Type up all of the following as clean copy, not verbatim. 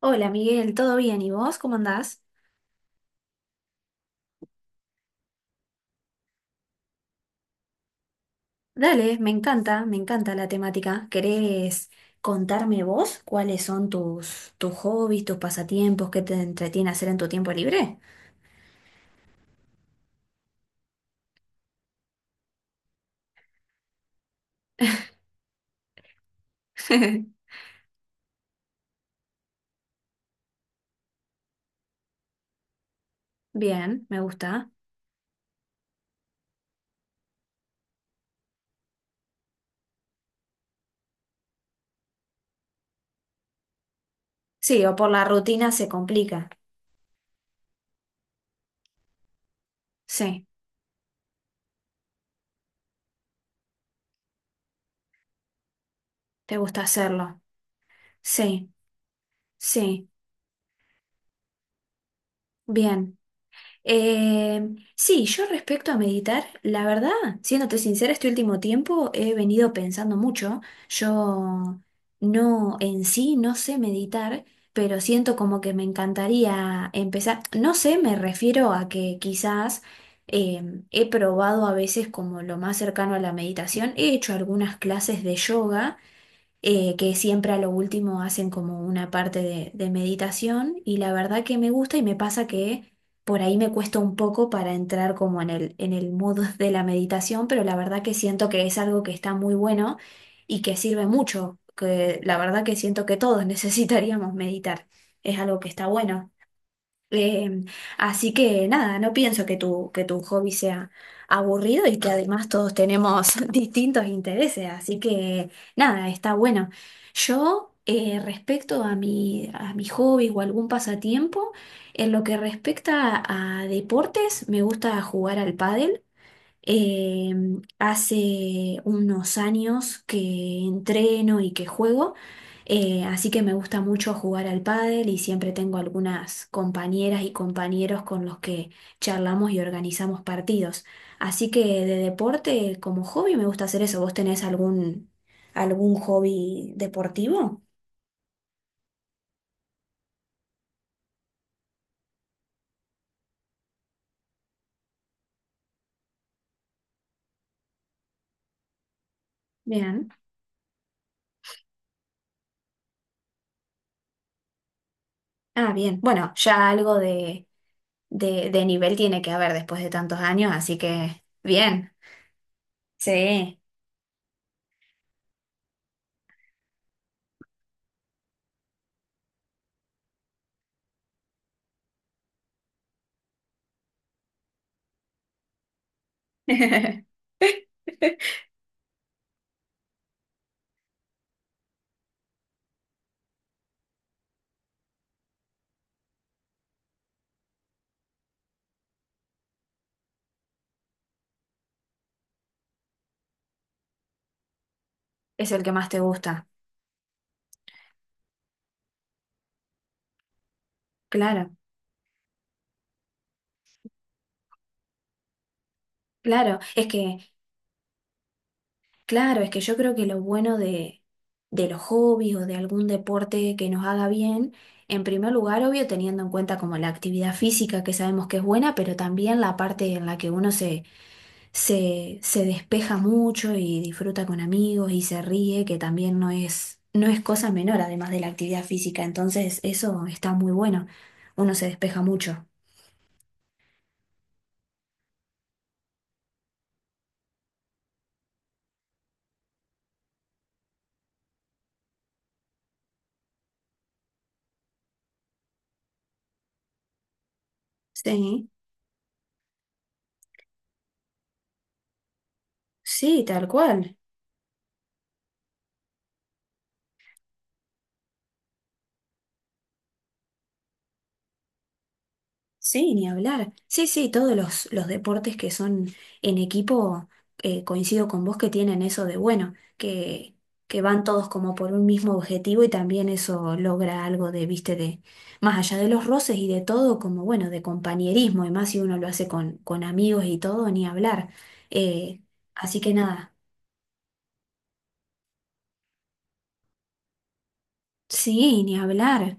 Hola Miguel, ¿todo bien? ¿Y vos cómo andás? Dale, me encanta la temática. ¿Querés contarme vos cuáles son tus hobbies, tus pasatiempos, qué te entretiene hacer en tu tiempo libre? Bien, me gusta. Sí, o por la rutina se complica. Sí, te gusta hacerlo. Sí, sí, bien. Eh, sí, yo respecto a meditar, la verdad, siéndote sincera, este último tiempo he venido pensando mucho. Yo no, en sí, no sé meditar, pero siento como que me encantaría empezar. No sé, me refiero a que quizás he probado a veces como lo más cercano a la meditación. He hecho algunas clases de yoga que siempre a lo último hacen como una parte de meditación y la verdad que me gusta y me pasa que por ahí me cuesta un poco para entrar como en el mood de la meditación, pero la verdad que siento que es algo que está muy bueno y que sirve mucho, que la verdad que siento que todos necesitaríamos meditar, es algo que está bueno. Em, Así que nada, no pienso que tu hobby sea aburrido y que además todos tenemos distintos intereses, así que nada, está bueno. Yo, respecto a mi hobby o algún pasatiempo, en lo que respecta a deportes, me gusta jugar al pádel. Eh, Hace unos años que entreno y que juego, así que me gusta mucho jugar al pádel y siempre tengo algunas compañeras y compañeros con los que charlamos y organizamos partidos. Así que de deporte, como hobby, me gusta hacer eso. ¿Vos tenés algún hobby deportivo? Bien. Ah, bien. Bueno, ya algo de, de nivel tiene que haber después de tantos años, así que bien. Sí. Es el que más te gusta. Claro, claro. Claro, es que yo creo que lo bueno de los hobbies o de algún deporte que nos haga bien, en primer lugar, obvio, teniendo en cuenta como la actividad física que sabemos que es buena, pero también la parte en la que uno se despeja mucho y disfruta con amigos y se ríe, que también no es cosa menor, además de la actividad física. Entonces, eso está muy bueno. Uno se despeja mucho. Sí. Sí, tal cual. Sí, ni hablar. Sí, sí, todos los deportes que son en equipo, coincido con vos que tienen eso de bueno, que van todos como por un mismo objetivo y también eso logra algo de, viste, de más allá de los roces y de todo, como bueno, de compañerismo, y más si uno lo hace con amigos y todo, ni hablar. Eh, Así que nada, sí, ni hablar,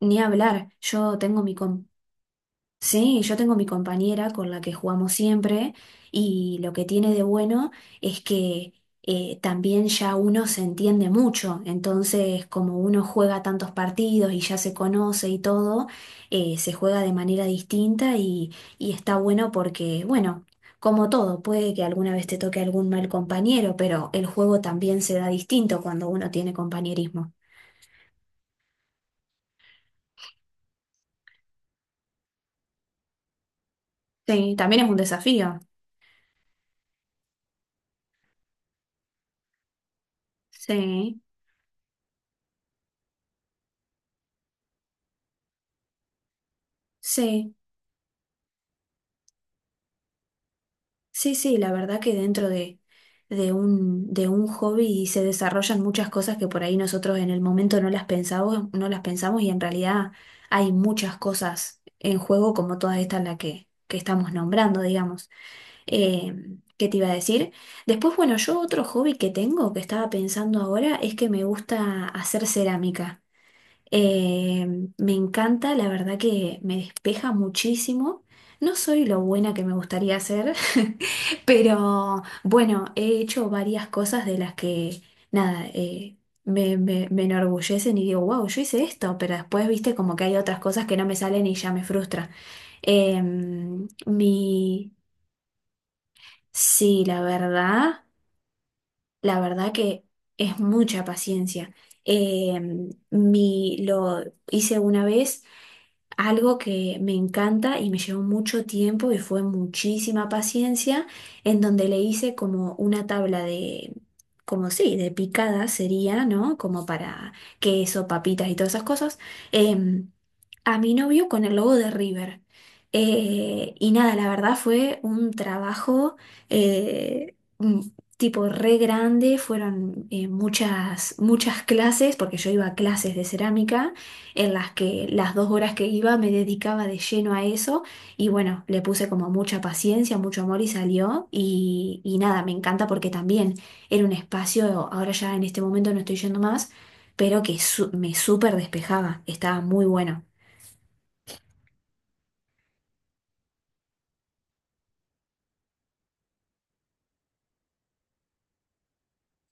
ni hablar. Yo tengo mi, com- Sí, yo tengo mi compañera con la que jugamos siempre y lo que tiene de bueno es que también ya uno se entiende mucho, entonces como uno juega tantos partidos y ya se conoce y todo, se juega de manera distinta y está bueno porque, bueno, como todo, puede que alguna vez te toque algún mal compañero, pero el juego también se da distinto cuando uno tiene compañerismo. Sí, también es un desafío. Sí, sí. Sí, sí, la verdad que dentro de un hobby se desarrollan muchas cosas que por ahí nosotros en el momento no las pensamos, no las pensamos, y en realidad hay muchas cosas en juego como todas estas las que estamos nombrando, digamos. Eh, ¿Qué te iba a decir? Después, bueno, yo otro hobby que tengo, que estaba pensando ahora, es que me gusta hacer cerámica. Eh, Me encanta, la verdad que me despeja muchísimo. No soy lo buena que me gustaría ser, pero bueno, he hecho varias cosas de las que, nada, me enorgullecen y digo, wow, yo hice esto, pero después, viste, como que hay otras cosas que no me salen y ya me frustra. Eh, mi, sí, la verdad que es mucha paciencia. Eh, lo hice una vez. Algo que me encanta y me llevó mucho tiempo y fue muchísima paciencia, en donde le hice como una tabla de, como sí, de picada sería, ¿no? Como para queso, papitas y todas esas cosas, em, a mi novio con el logo de River. Y nada, la verdad fue un trabajo eh, mm, tipo re grande, fueron muchas, muchas clases, porque yo iba a clases de cerámica en las que las dos horas que iba me dedicaba de lleno a eso y bueno, le puse como mucha paciencia, mucho amor y salió y nada, me encanta porque también era un espacio, ahora ya en este momento no estoy yendo más, pero que me súper despejaba, estaba muy bueno.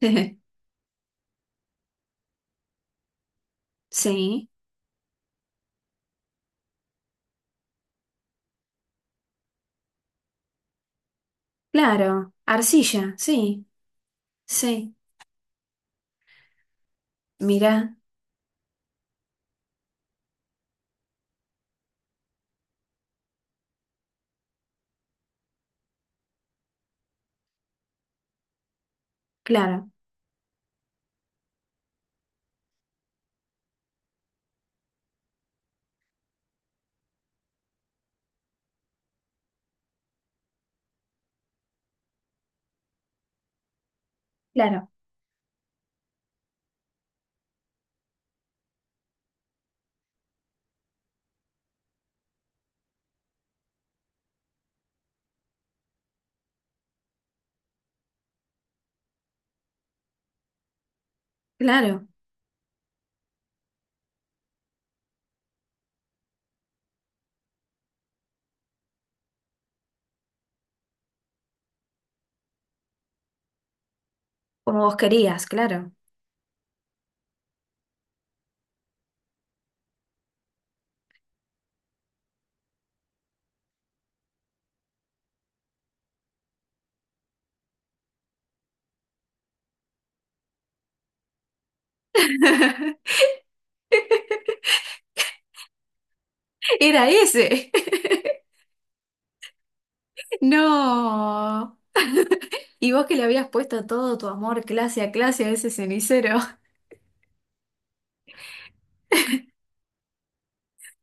Sí, claro, arcilla, sí, sí, mirá, claro, claro, claro, como vos querías, claro. Era ese. No. Y vos que le habías puesto todo tu amor clase a clase a ese cenicero.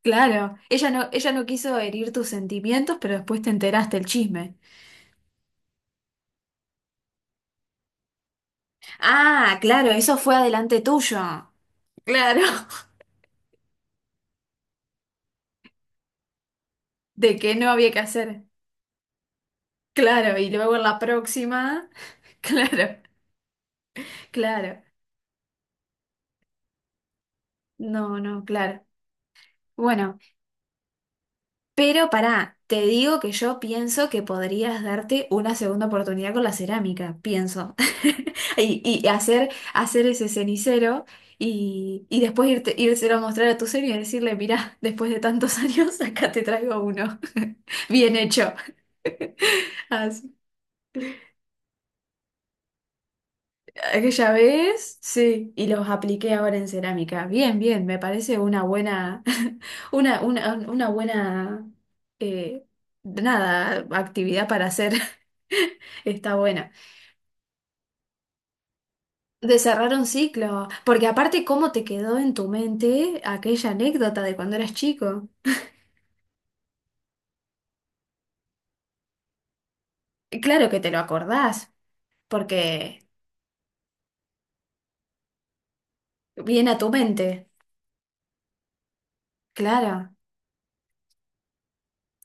Claro, ella no quiso herir tus sentimientos, pero después te enteraste el chisme. Ah, claro, eso fue adelante tuyo. Claro, de que no había que hacer. Claro, y luego en la próxima. Claro, claro. No, no, claro. Bueno. Pero pará, te digo que yo pienso que podrías darte una segunda oportunidad con la cerámica, pienso. Y hacer ese cenicero y después írselo a mostrar a tu señor y decirle, mirá, después de tantos años, acá te traigo uno. Bien hecho. Así, aquella vez, sí, y los apliqué ahora en cerámica. Bien, bien, me parece una buena, una buena, eh, nada, actividad para hacer. Está buena. De cerrar un ciclo, porque aparte, ¿cómo te quedó en tu mente aquella anécdota de cuando eras chico? Claro que te lo acordás, porque viene a tu mente. Claro,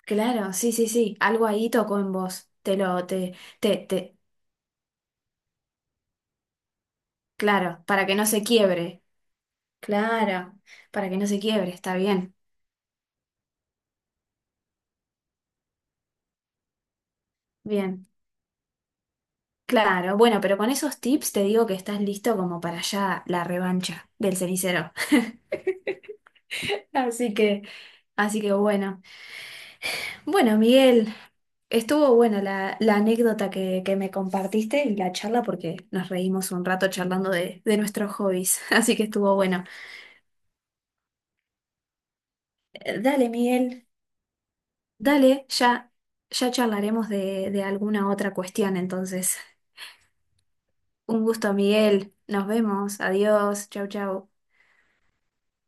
claro, sí, sí, sí, algo ahí tocó en vos. Te lo, te, claro, para que no se quiebre. Claro, para que no se quiebre, está bien, bien. Claro, bueno, pero con esos tips te digo que estás listo como para ya la revancha del cenicero. Así que, así que bueno. Bueno, Miguel, estuvo buena la, la anécdota que me compartiste y la charla porque nos reímos un rato charlando de nuestros hobbies, así que estuvo bueno. Dale, Miguel, dale, ya, ya charlaremos de alguna otra cuestión entonces. Un gusto, Miguel, nos vemos, adiós, chau, chau.